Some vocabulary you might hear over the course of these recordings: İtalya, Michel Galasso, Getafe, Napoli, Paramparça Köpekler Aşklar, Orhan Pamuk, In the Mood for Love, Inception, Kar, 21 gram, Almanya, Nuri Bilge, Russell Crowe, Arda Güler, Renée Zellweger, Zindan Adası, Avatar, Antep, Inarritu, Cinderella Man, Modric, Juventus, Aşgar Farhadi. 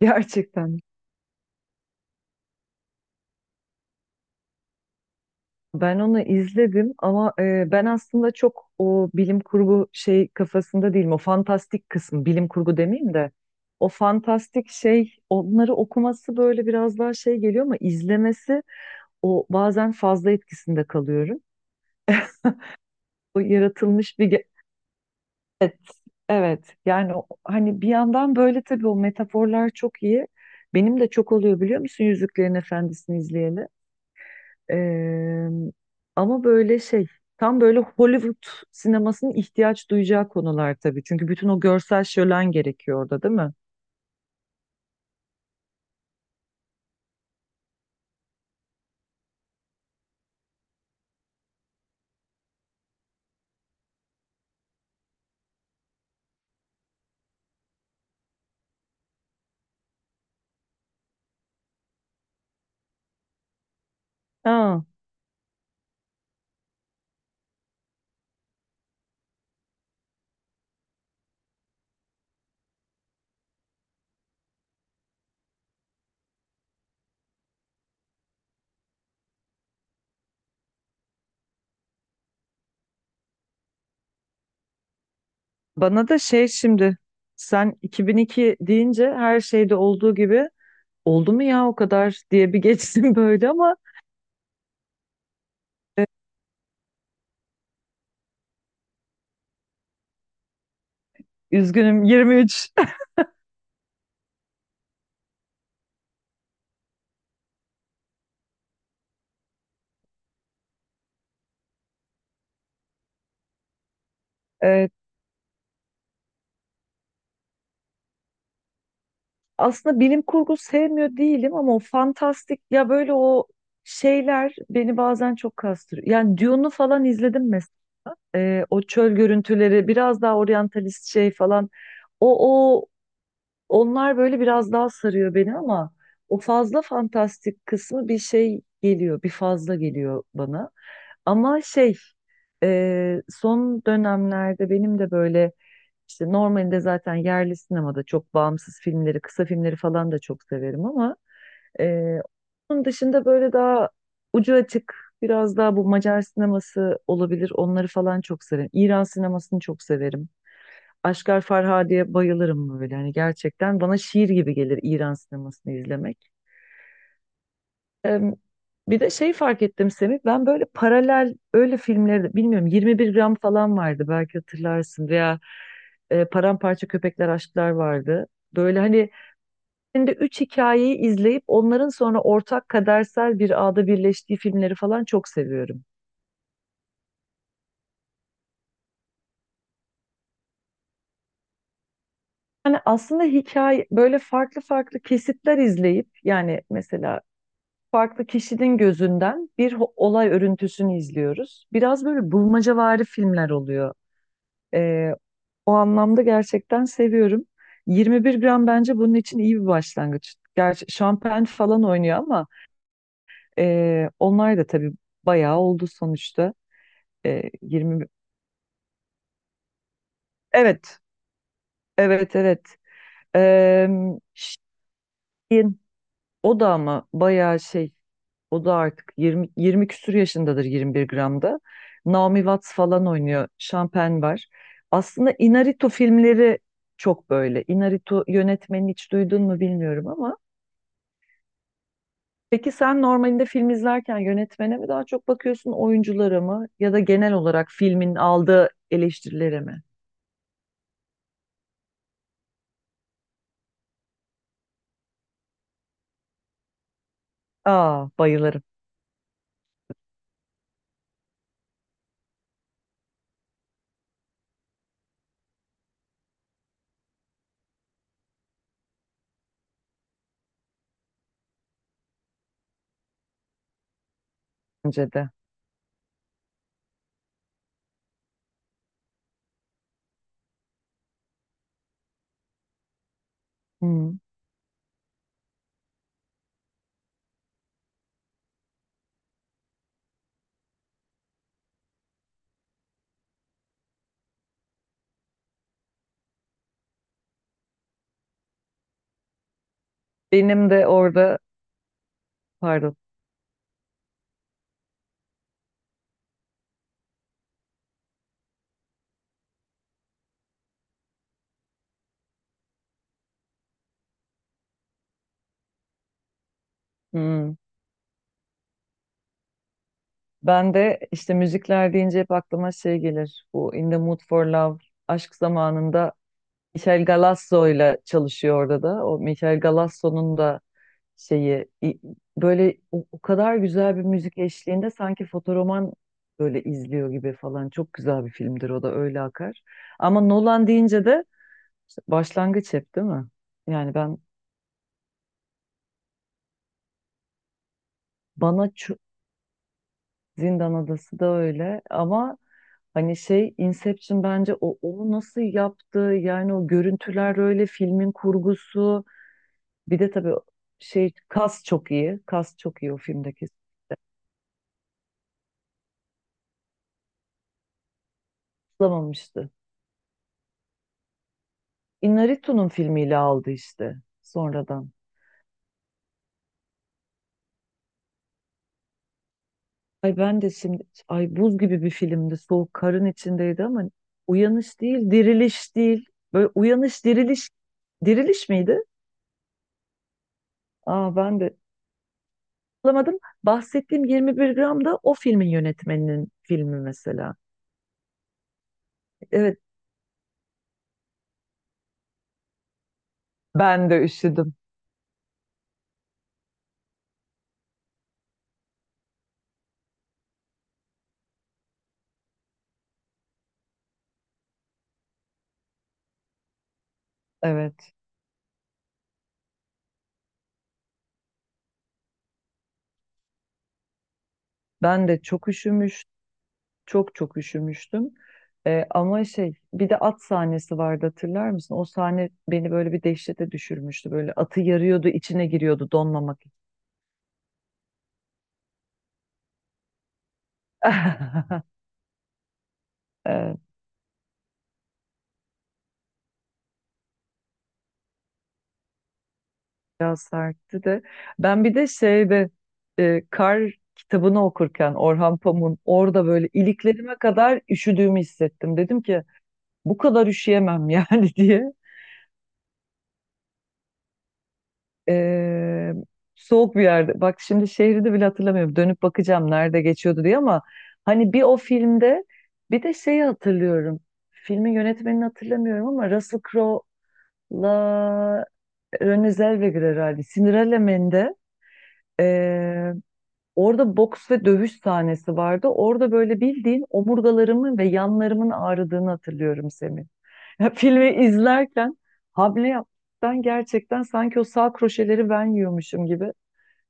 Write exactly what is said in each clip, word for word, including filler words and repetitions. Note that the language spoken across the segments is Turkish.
Gerçekten. Ben onu izledim ama e, ben aslında çok o bilim kurgu şey kafasında değilim. O fantastik kısım, bilim kurgu demeyeyim de o fantastik şey onları okuması böyle biraz daha şey geliyor ama izlemesi o bazen fazla etkisinde kalıyorum. O yaratılmış bir ge- Evet, evet. Yani o- hani bir yandan böyle tabii o metaforlar çok iyi. Benim de çok oluyor biliyor musun Yüzüklerin Efendisi'ni izleyeli? Eee, ama böyle şey tam böyle Hollywood sinemasının ihtiyaç duyacağı konular tabii. Çünkü bütün o görsel şölen gerekiyor orada değil mi? Aa, bana da şey şimdi sen iki bin iki deyince her şeyde olduğu gibi oldu mu ya o kadar diye bir geçtim böyle ama e, üzgünüm yirmi üç. Eee, aslında bilim kurgu sevmiyor değilim ama o fantastik ya böyle o şeyler beni bazen çok kastırıyor. Yani Dune'u falan izledim, e, o çöl görüntüleri biraz daha oryantalist şey falan. O o Onlar böyle biraz daha sarıyor beni ama o fazla fantastik kısmı bir şey geliyor, bir fazla geliyor bana. Ama şey, e, son dönemlerde benim de böyle, işte normalde zaten yerli sinemada çok bağımsız filmleri kısa filmleri falan da çok severim ama ee, onun dışında böyle daha ucu açık, biraz daha bu Macar sineması olabilir. Onları falan çok severim. İran sinemasını çok severim. Aşgar Farhadi'ye bayılırım böyle. Hani gerçekten bana şiir gibi gelir İran sinemasını izlemek. Ee, bir de şey fark ettim Semih. Ben böyle paralel öyle filmleri de- bilmiyorum yirmi bir gram falan vardı belki hatırlarsın veya e, Paramparça Köpekler Aşklar vardı. Böyle hani şimdi üç hikayeyi izleyip onların sonra ortak kadersel bir ağda birleştiği filmleri falan çok seviyorum. Yani aslında hikaye böyle farklı farklı kesitler izleyip, yani mesela farklı kişinin gözünden bir ho- olay örüntüsünü izliyoruz. Biraz böyle bulmacavari filmler oluyor. Ee, o anlamda gerçekten seviyorum. Yirmi bir gram bence bunun için iyi bir başlangıç. Gerçi Şampen falan oynuyor ama e, onlar da tabii bayağı oldu sonuçta. E, yirmi Evet. Evet, evet. Eee, şeyin, o da ama bayağı şey, o da artık yirmi, yirmi küsur yaşındadır yirmi bir gramda. Naomi Watts falan oynuyor. Şampen var. Aslında Inarritu filmleri çok böyle. Inarritu yönetmeni hiç duydun mu bilmiyorum ama. Peki sen normalinde film izlerken yönetmene mi daha çok bakıyorsun, oyunculara mı, ya da genel olarak filmin aldığı eleştirilere mi? Aa bayılırım, bence de. Hmm. Benim de orada pardon. Hmm. Ben de işte müzikler deyince hep aklıma şey gelir. Bu In the Mood for Love, aşk zamanında, Michel Galasso ile çalışıyor orada da. O Michel Galasso'nun da şeyi i- böyle o, o kadar güzel bir müzik eşliğinde sanki fotoroman böyle izliyor gibi falan. Çok güzel bir filmdir o da, öyle akar. Ama Nolan deyince de işte başlangıç, hep değil mi? Yani ben bana ço- Zindan Adası da öyle ama hani şey, Inception bence o, onu nasıl yaptı yani, o görüntüler öyle, filmin kurgusu, bir de tabii şey, kas çok iyi, kas çok iyi o filmdeki. Tutulamamıştı. Inarritu'nun filmiyle aldı işte sonradan. Ay ben de şimdi, ay buz gibi bir filmdi, soğuk karın içindeydi ama, uyanış değil, diriliş değil, böyle uyanış diriliş, diriliş miydi? Aa ben de alamadım. Bahsettiğim yirmi bir gram da o filmin yönetmeninin filmi mesela. Evet, ben de üşüdüm. Evet, ben de çok üşümüş, çok çok üşümüştüm. Ee, ama şey, bir de at sahnesi vardı hatırlar mısın? O sahne beni böyle bir dehşete düşürmüştü. Böyle atı yarıyordu, içine giriyordu donmamak için. Evet, biraz sertti de. Ben bir de şeyde e, kar kitabını okurken Orhan Pamuk'un, orada böyle iliklerime kadar üşüdüğümü hissettim. Dedim ki bu kadar üşüyemem yani diye. Ee, soğuk bir yerde. Bak şimdi şehri de bile hatırlamıyorum. Dönüp bakacağım nerede geçiyordu diye ama hani bir o filmde bir de şeyi hatırlıyorum. Filmin yönetmenini hatırlamıyorum ama Russell Crowe'la Renée Zellweger herhalde. Cinderella Man'de ee, orada boks ve dövüş sahnesi vardı. Orada böyle bildiğin omurgalarımın ve yanlarımın ağrıdığını hatırlıyorum Semih. Ya filmi izlerken hamle yaptıktan gerçekten sanki o sağ kroşeleri ben yiyormuşum gibi,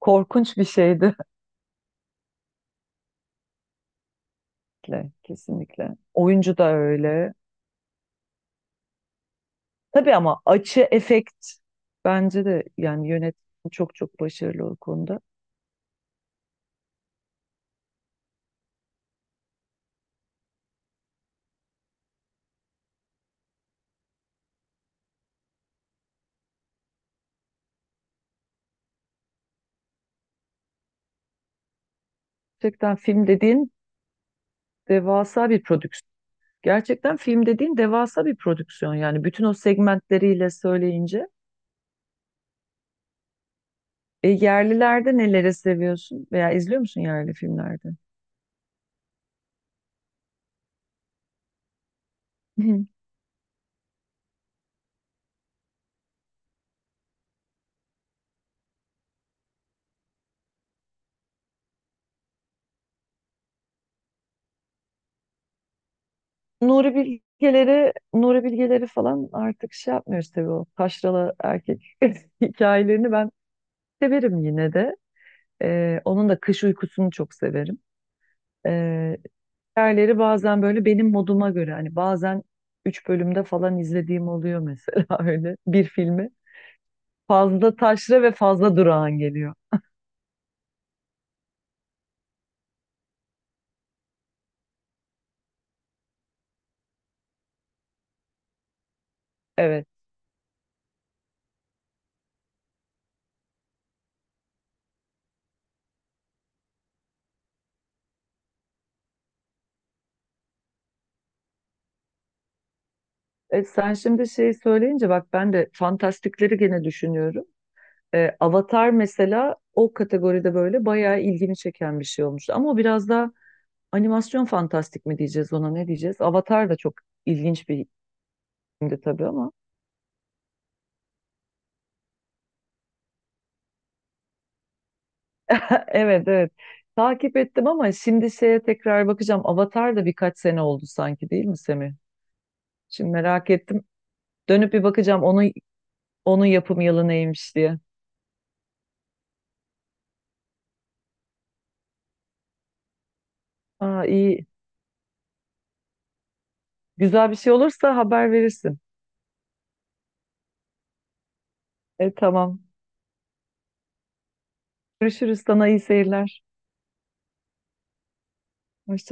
korkunç bir şeydi. Kesinlikle, kesinlikle. Oyuncu da öyle. Tabii ama açı, efekt, bence de yani yönetmen çok çok başarılı o konuda. Gerçekten film dediğin devasa bir prodüksiyon. Gerçekten film dediğin devasa bir prodüksiyon yani bütün o segmentleriyle söyleyince. E, yerlilerde neleri seviyorsun veya izliyor musun yerli filmlerde? Nuri Bilgeleri, Nuri Bilgeleri falan artık şey yapmıyoruz tabii o taşralı erkek hikayelerini ben severim yine de. Ee, onun da kış uykusunu çok severim. Ee, hikayeleri bazen böyle benim moduma göre, hani bazen üç bölümde falan izlediğim oluyor mesela öyle bir filmi. Fazla taşra ve fazla durağan geliyor. Evet. E, sen şimdi şeyi söyleyince bak ben de fantastikleri gene düşünüyorum. E, Avatar mesela o kategoride böyle bayağı ilgimi çeken bir şey olmuştu. Ama o biraz da animasyon fantastik mi diyeceğiz, ona ne diyeceğiz? Avatar da çok ilginç bir filmdi tabii ama. Evet, evet takip ettim ama şimdi şeye tekrar bakacağım. Avatar da birkaç sene oldu sanki değil mi Semih? Şimdi merak ettim. Dönüp bir bakacağım onun onun yapım yılı neymiş diye. Aa, iyi. Güzel bir şey olursa haber verirsin. E, tamam. Görüşürüz, sana iyi seyirler. Hoşça